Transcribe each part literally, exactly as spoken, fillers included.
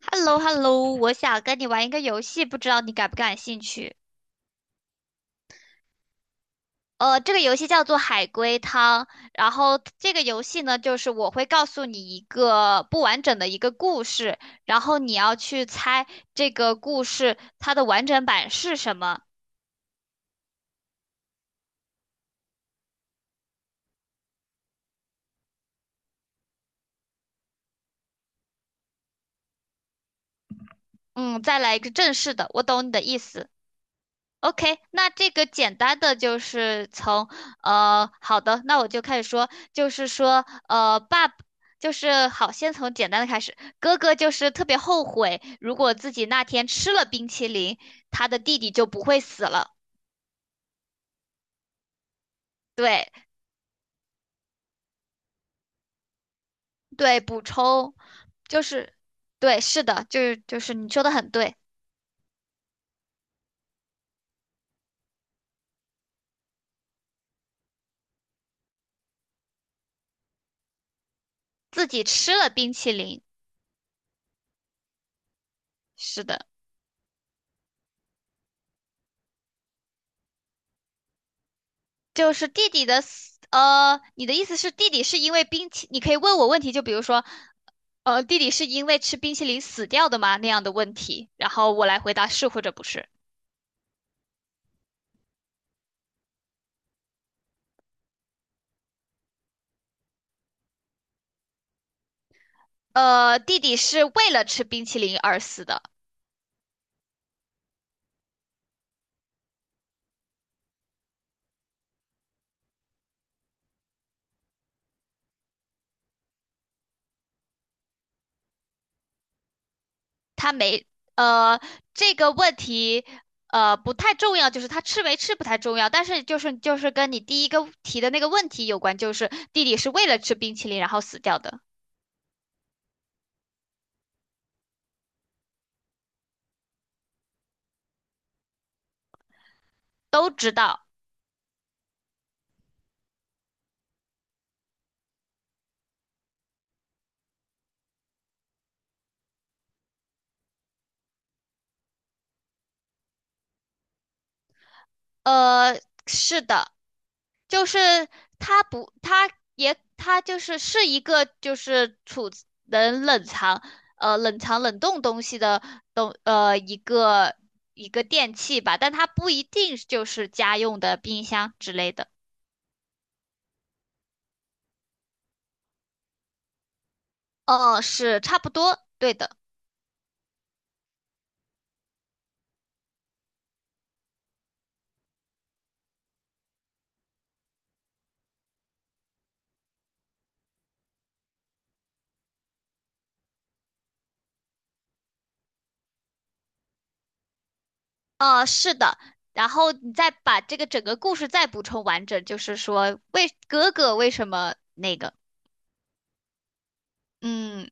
h e l l o h e l l o 我想跟你玩一个游戏，不知道你感不感兴趣？呃，这个游戏叫做海龟汤，然后这个游戏呢，就是我会告诉你一个不完整的一个故事，然后你要去猜这个故事它的完整版是什么。嗯，再来一个正式的，我懂你的意思。OK，那这个简单的就是从呃，好的，那我就开始说，就是说呃，爸爸就是好，先从简单的开始。哥哥就是特别后悔，如果自己那天吃了冰淇淋，他的弟弟就不会死了。对对，补充就是对，是的，就是就是你说的很对，自己吃了冰淇淋，是的。就是弟弟的死，呃，你的意思是弟弟是因为冰淇，你可以问我问题，就比如说，呃，弟弟是因为吃冰淇淋死掉的吗？那样的问题，然后我来回答是或者不是。呃，弟弟是为了吃冰淇淋而死的，他没，呃，这个问题，呃，不太重要，就是他吃没吃不太重要，但是就是就是跟你第一个提的那个问题有关，就是弟弟是为了吃冰淇淋然后死掉的，都知道。呃，是的。就是他不，他也他就是是一个就是储能冷藏呃冷藏冷冻东西的东呃一个一个电器吧，但它不一定就是家用的冰箱之类的。哦，是差不多，对的。呃，是的。然后你再把这个整个故事再补充完整，就是说为哥哥为什么那个，嗯。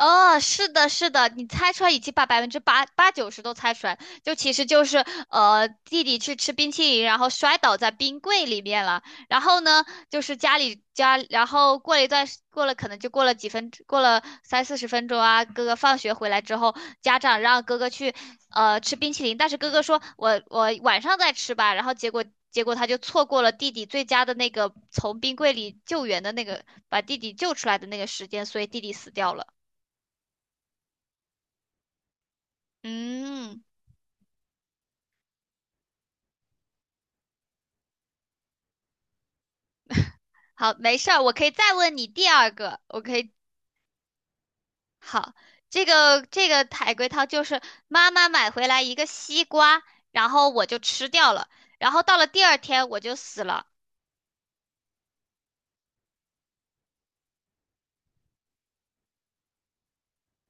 哦，是的，是的，你猜出来已经把百分之八八九十都猜出来，就其实就是呃，弟弟去吃冰淇淋，然后摔倒在冰柜里面了。然后呢，就是家里家，然后过了一段时过了可能就过了几分，过了三四十分钟啊，哥哥放学回来之后，家长让哥哥去呃吃冰淇淋，但是哥哥说我我晚上再吃吧，然后结果。结果他就错过了弟弟最佳的那个从冰柜里救援的那个，把弟弟救出来的那个时间，所以弟弟死掉了。嗯，好，没事儿，我可以再问你第二个，我可以，好，这个这个海龟汤就是妈妈买回来一个西瓜，然后我就吃掉了，然后到了第二天我就死了。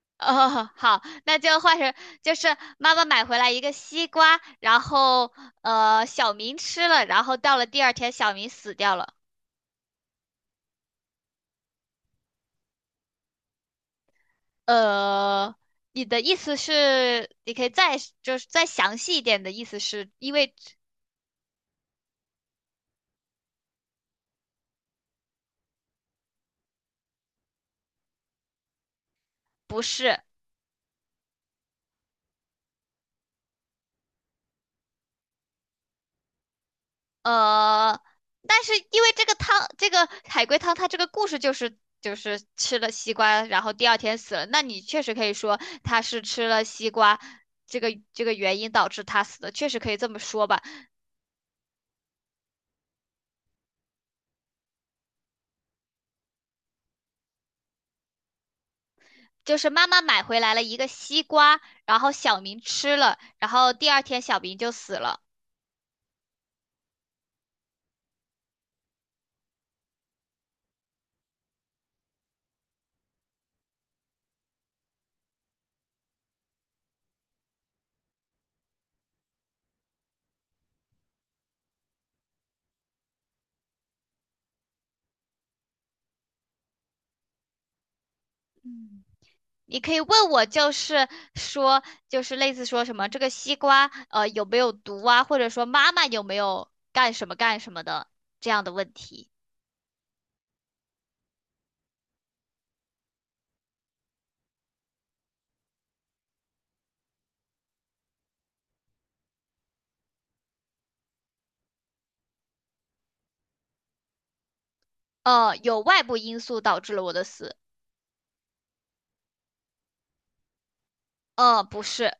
哦，好，那就换成就是妈妈买回来一个西瓜，然后呃小明吃了，然后到了第二天小明死掉了。呃，你的意思是，你可以再就是再详细一点的意思是因为不是。呃，但是因为这个汤，这个海龟汤，它这个故事就是就是吃了西瓜，然后第二天死了。那你确实可以说他是吃了西瓜，这个这个原因导致他死的，确实可以这么说吧。就是妈妈买回来了一个西瓜，然后小明吃了，然后第二天小明就死了。你可以问我，就是说，就是类似说什么这个西瓜呃有没有毒啊，或者说妈妈有没有干什么干什么的这样的问题。呃，有外部因素导致了我的死。呃，不是，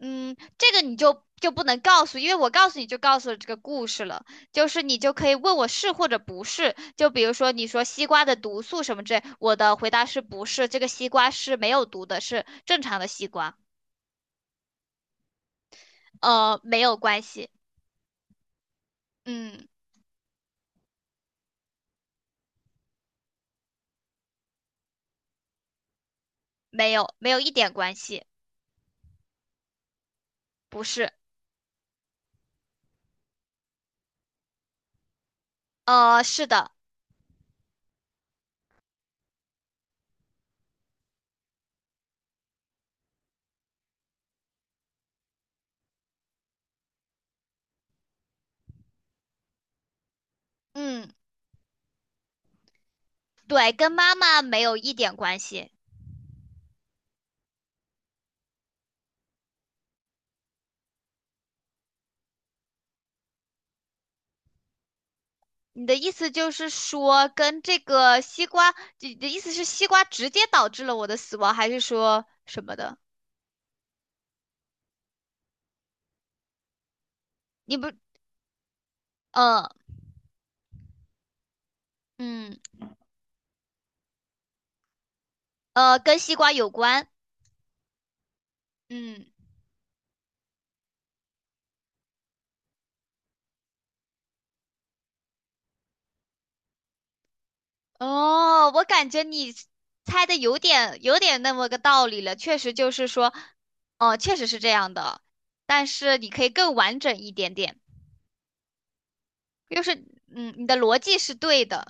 嗯，这个你就就不能告诉，因为我告诉你就告诉了这个故事了，就是你就可以问我是或者不是。就比如说你说西瓜的毒素什么之类，我的回答是不是，这个西瓜是没有毒的，是正常的西瓜。呃，没有关系，嗯，没有，没有一点关系，不是，呃，是的，嗯，对，跟妈妈没有一点关系。你的意思就是说，跟这个西瓜，你的意思是西瓜直接导致了我的死亡，还是说什么的？你不，呃，嗯，呃，跟西瓜有关，嗯，哦，我感觉你猜的有点有点那么个道理了，确实就是说，哦，确实是这样的，但是你可以更完整一点点，就是，嗯，你的逻辑是对的。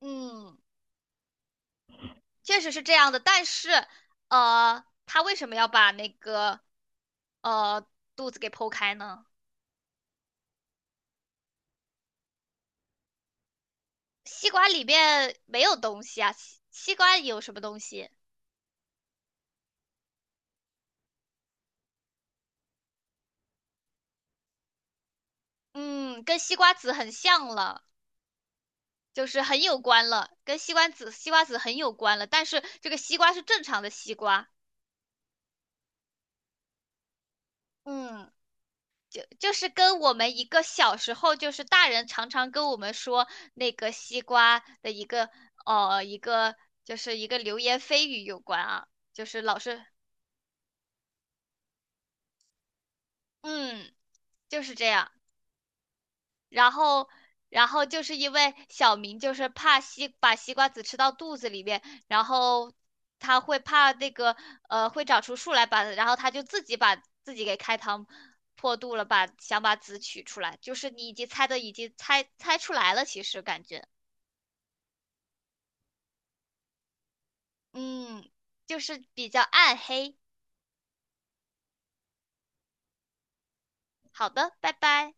嗯。确实是这样的，但是呃，他为什么要把那个呃肚子给剖开呢？西瓜里面没有东西啊，西西瓜有什么东西？嗯，跟西瓜籽很像了，就是很有关了，跟西瓜籽西瓜籽很有关了，但是这个西瓜是正常的西瓜，嗯。就就是跟我们一个小时候，就是大人常常跟我们说那个西瓜的一个呃一个就是一个流言蜚语有关啊，就是老是嗯就是这样。然后，然后就是因为小明就是怕西把西瓜籽吃到肚子里面，然后他会怕那个呃会长出树来把，然后他就自己把自己给开膛破肚了，把想把籽取出来，就是你已经猜的已经猜猜出来了，其实感觉嗯就是比较暗黑。好的，拜拜。